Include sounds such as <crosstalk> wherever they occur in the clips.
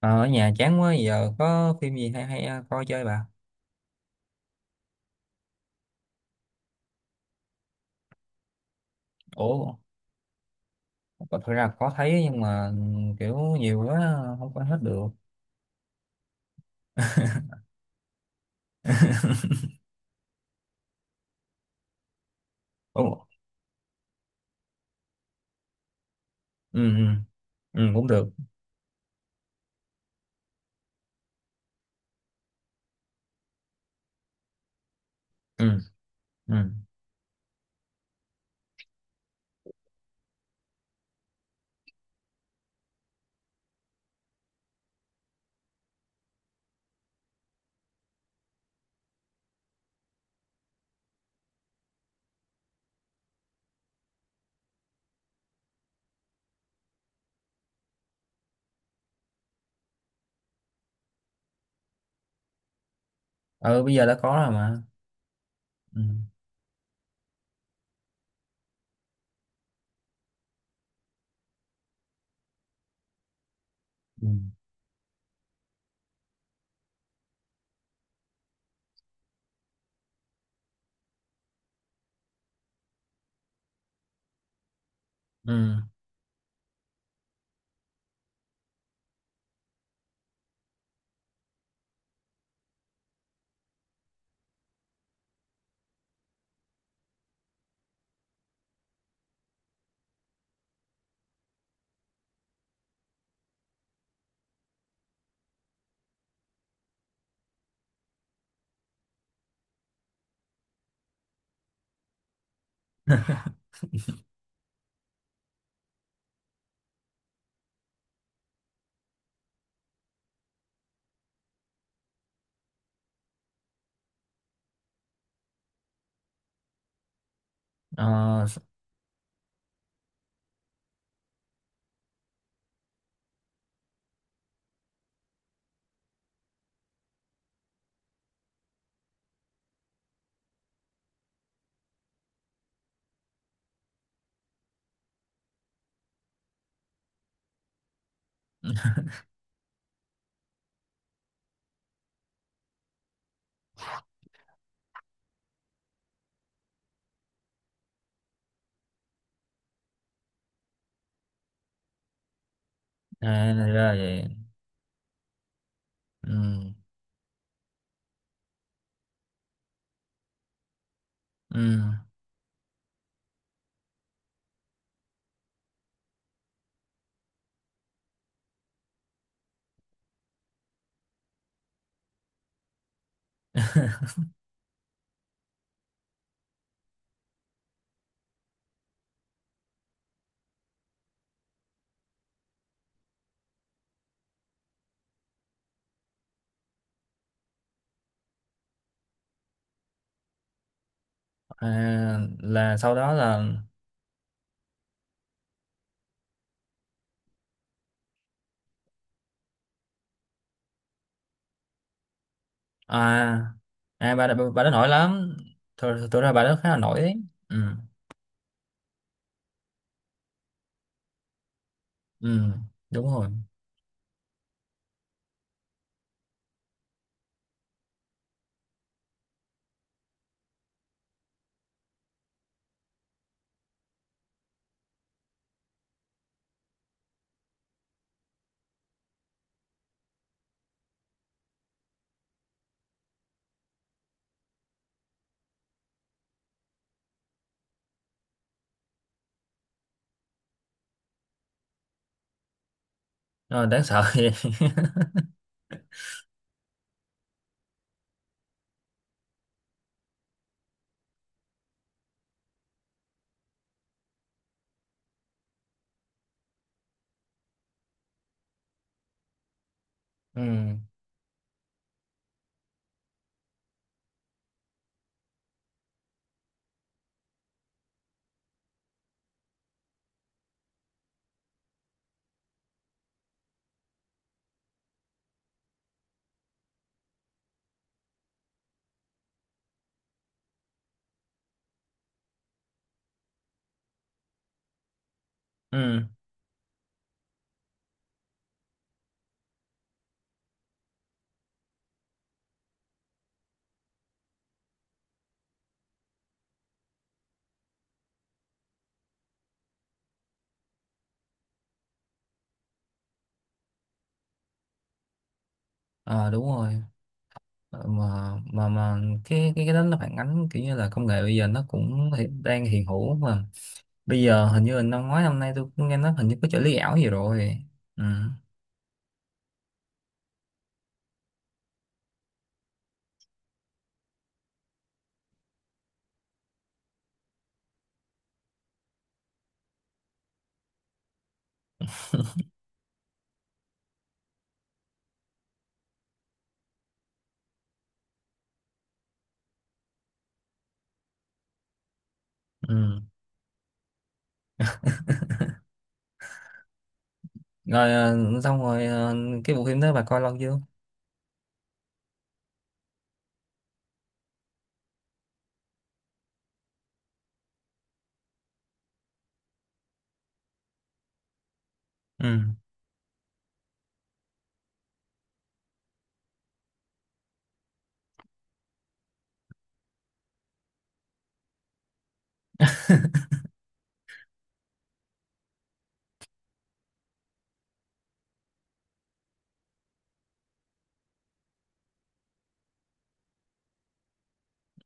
Ờ, Ở nhà chán quá, giờ có phim gì hay hay coi chơi bà. Ủa, thực ra có thấy nhưng mà kiểu nhiều quá không có hết được. <laughs> Ủa. ừ, ừ, ừ cũng được. Ừ. Ừ. Ừ, bây giờ đã có rồi mà. Ừ. Ừ. Ừ. <laughs> Ờ. À, ra vậy. Ừ. Ừ. <laughs> À, là sau đó là à. À bà đã nổi lắm. Thật ra bà đó khá là nổi đấy. Ừ. Ừ, đúng rồi. Ờ, đáng sợ vậy. <laughs> Ừ. Ừ. Ờ, đúng rồi. Ờ, mà, mà cái đó nó phản ánh kiểu như là công nghệ bây giờ nó cũng đang hiện hữu mà. Bây giờ hình như là năm ngoái năm nay tôi cũng nghe nói hình như có trợ lý ảo gì rồi. Ừ. Ừ. Rồi xong rồi cái bộ phim đó bà coi lâu chưa? Ừ.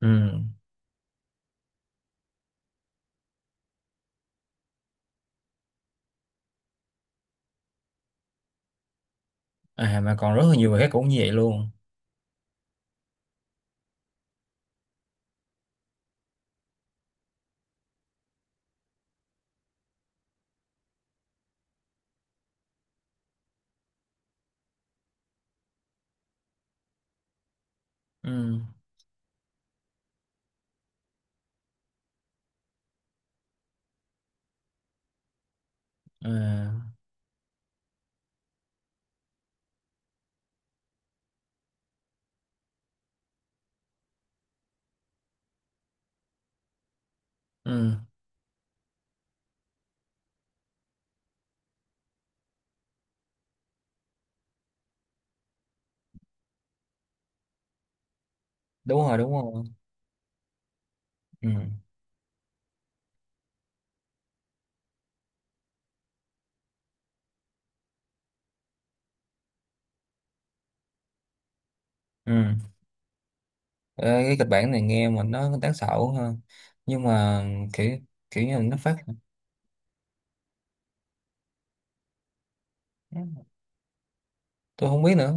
Ừ. À mà còn rất là nhiều bài khác cũng như vậy luôn. Ừ. À. Ừ. Đúng rồi, đúng rồi. Ừ. Ừ. Ờ, cái kịch bản này nghe mà nó đáng sợ ha. Nhưng mà kiểu, kiểu như là nó phát. Tôi không biết nữa,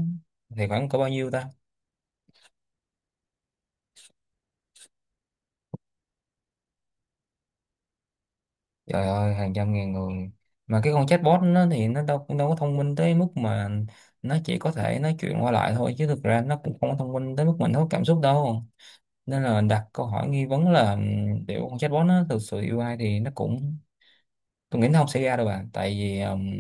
thì khoảng có bao nhiêu ta? Trời ơi, hàng trăm ngàn người! Mà cái con chatbot nó thì nó đâu cũng đâu có thông minh tới mức mà, nó chỉ có thể nói chuyện qua lại thôi, chứ thực ra nó cũng không có thông minh tới mức mình có cảm xúc đâu. Nên là đặt câu hỏi nghi vấn là liệu con chatbot nó thực sự yêu ai thì nó cũng, tôi nghĩ nó không xảy ra đâu bạn, tại vì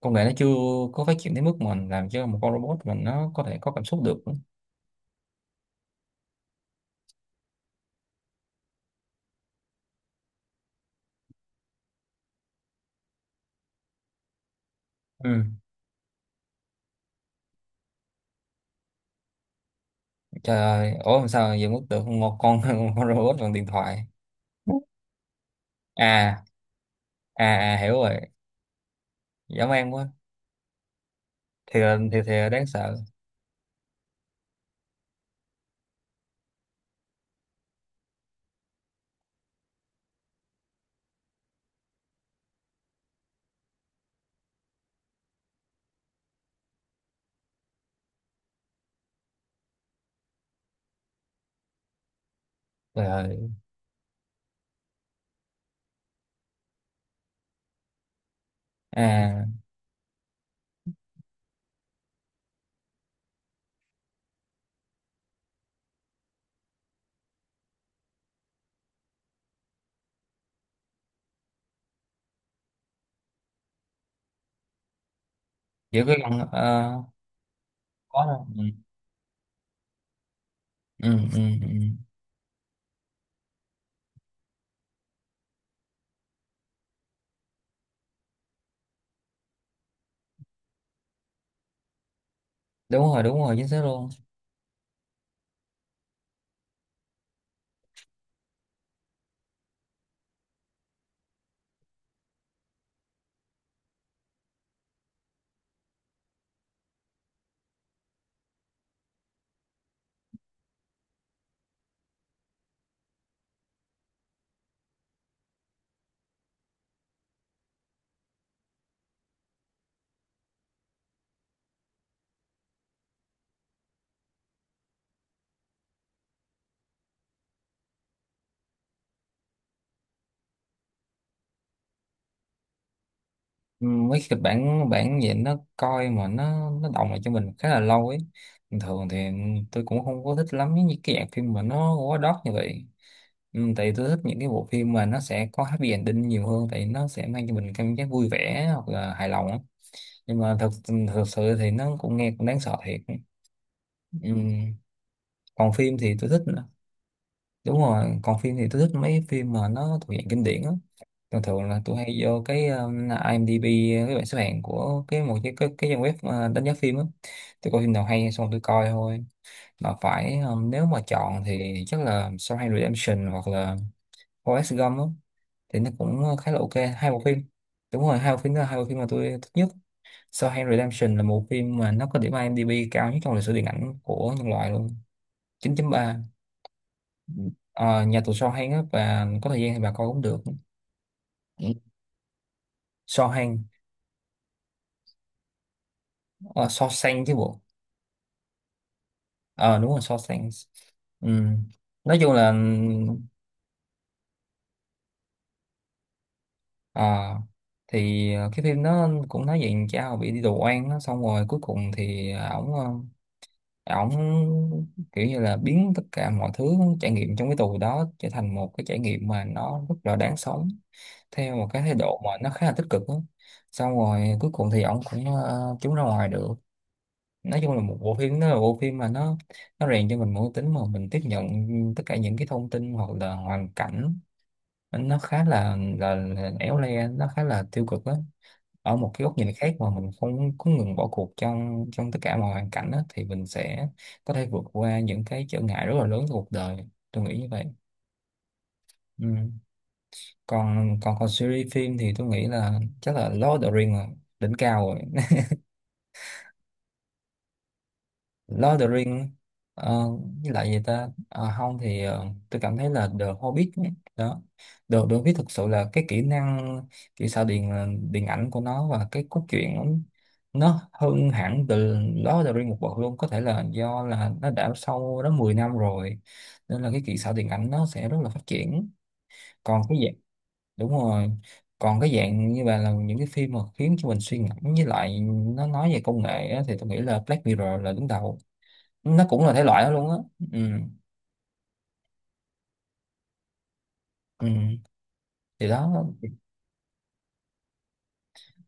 công nghệ nó chưa có phát triển tới mức mà làm cho một con robot, mình nó có thể có cảm xúc được. Ừ. Trời ơi, ủa làm sao giờ mất được một con <laughs> một con robot bằng điện thoại. À. À. À, hiểu rồi. Dã man quá. Thiệt thiệt là đáng sợ. Trời ơi. À, giữ cái con có đâu. Ừ. Ừ, ừ, ừ. Đúng rồi, chính xác luôn. Ừ, mấy kịch bản bản vậy nó coi mà nó đọng lại cho mình khá là lâu ấy. Bình thường thì tôi cũng không có thích lắm những cái dạng phim mà nó quá đót như vậy. Ừ, tại vì tôi thích những cái bộ phim mà nó sẽ có happy ending nhiều hơn, tại nó sẽ mang cho mình cảm giác vui vẻ hoặc là hài lòng á. Nhưng mà thật thật sự thì nó cũng nghe cũng đáng sợ thiệt. Ừ. Còn phim thì tôi thích, đúng rồi, còn phim thì tôi thích mấy phim mà nó thuộc dạng kinh điển á. Thường thường là tôi hay vô cái IMDb, cái bảng xếp hạng của cái một cái cái trang web đánh giá phim á. Tôi coi phim nào hay xong tôi coi thôi. Mà phải nếu mà chọn thì chắc là Shawshank Redemption hoặc là Forrest Gump á. Thì nó cũng khá là ok hai bộ phim, đúng rồi, hai bộ phim đó là hai bộ phim mà tôi thích nhất. Shawshank Redemption là một phim mà nó có điểm IMDb cao nhất trong lịch sử điện ảnh của nhân loại luôn, 9.3. Ờ, nhà tù Shawshank á, và có thời gian thì bà coi cũng được. Shawshank. Uh, Shawshank chứ bộ. Ờ đúng rồi, so sánh. Ừ. Nói chung là ờ, thì cái phim nó cũng nói về cha hồi bị đi tù oan á, xong rồi cuối cùng thì ổng ổng kiểu như là biến tất cả mọi thứ trải nghiệm trong cái tù đó trở thành một cái trải nghiệm mà nó rất là đáng sống, theo một cái thái độ mà nó khá là tích cực á. Xong rồi cuối cùng thì ổng cũng trốn ra ngoài được. Nói chung là một bộ phim, nó là bộ phim mà nó rèn cho mình một cái tính mà mình tiếp nhận tất cả những cái thông tin hoặc là hoàn cảnh nó khá là là éo le, nó khá là tiêu cực đó, ở một cái góc nhìn khác mà mình không có ngừng bỏ cuộc trong trong tất cả mọi hoàn cảnh á, thì mình sẽ có thể vượt qua những cái trở ngại rất là lớn trong cuộc đời. Tôi nghĩ như vậy. Ừ. còn còn còn series phim thì tôi nghĩ là chắc là Lord of the Rings là đỉnh cao rồi. Lord of the Ring. Ờ, với lại gì ta. Ờ, không thì tôi cảm thấy là The Hobbit ấy. Đó. The Hobbit thực sự là cái kỹ năng, kỹ xảo điện, điện ảnh của nó và cái cốt truyện nó hơn hẳn từ Lord of the Ring một bậc luôn. Có thể là do là nó đã sau đó 10 năm rồi, nên là cái kỹ xảo điện ảnh nó sẽ rất là phát triển. Còn cái dạng, đúng rồi, còn cái dạng như vậy là những cái phim mà khiến cho mình suy ngẫm, với lại nó nói về công nghệ á, thì tôi nghĩ là Black Mirror là đứng đầu. Nó cũng là thể loại đó luôn á. Ừ. Ừ. Thì đó.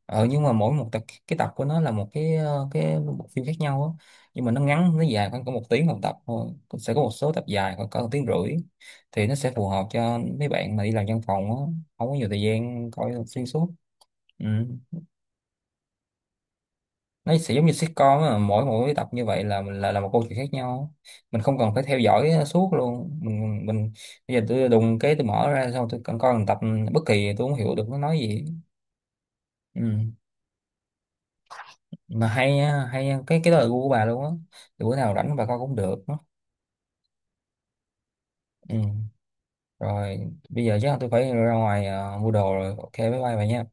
Ờ, nhưng mà mỗi một tập, cái tập của nó là một cái cái bộ phim khác nhau á. Nhưng mà nó ngắn, nó dài khoảng có một tiếng một tập thôi. Cũng sẽ có một số tập dài khoảng cỡ một tiếng rưỡi. Thì nó sẽ phù hợp cho mấy bạn mà đi làm văn phòng á, không có nhiều thời gian coi xuyên suốt. Ừ. Nó sẽ giống như sitcom á, mỗi mỗi tập như vậy là là một câu chuyện khác nhau. Mình không cần phải theo dõi suốt luôn. Mình bây giờ tôi đùng cái tôi mở ra xong tôi cần coi một tập bất kỳ, tôi không hiểu được nó nói gì. Ừ. Mà hay á, hay á. Cái đó là gu của bà luôn á, thì bữa nào rảnh bà coi cũng được á. Ừ. Rồi, bây giờ chắc là tôi phải ra ngoài mua đồ rồi, ok bye bye bà nha.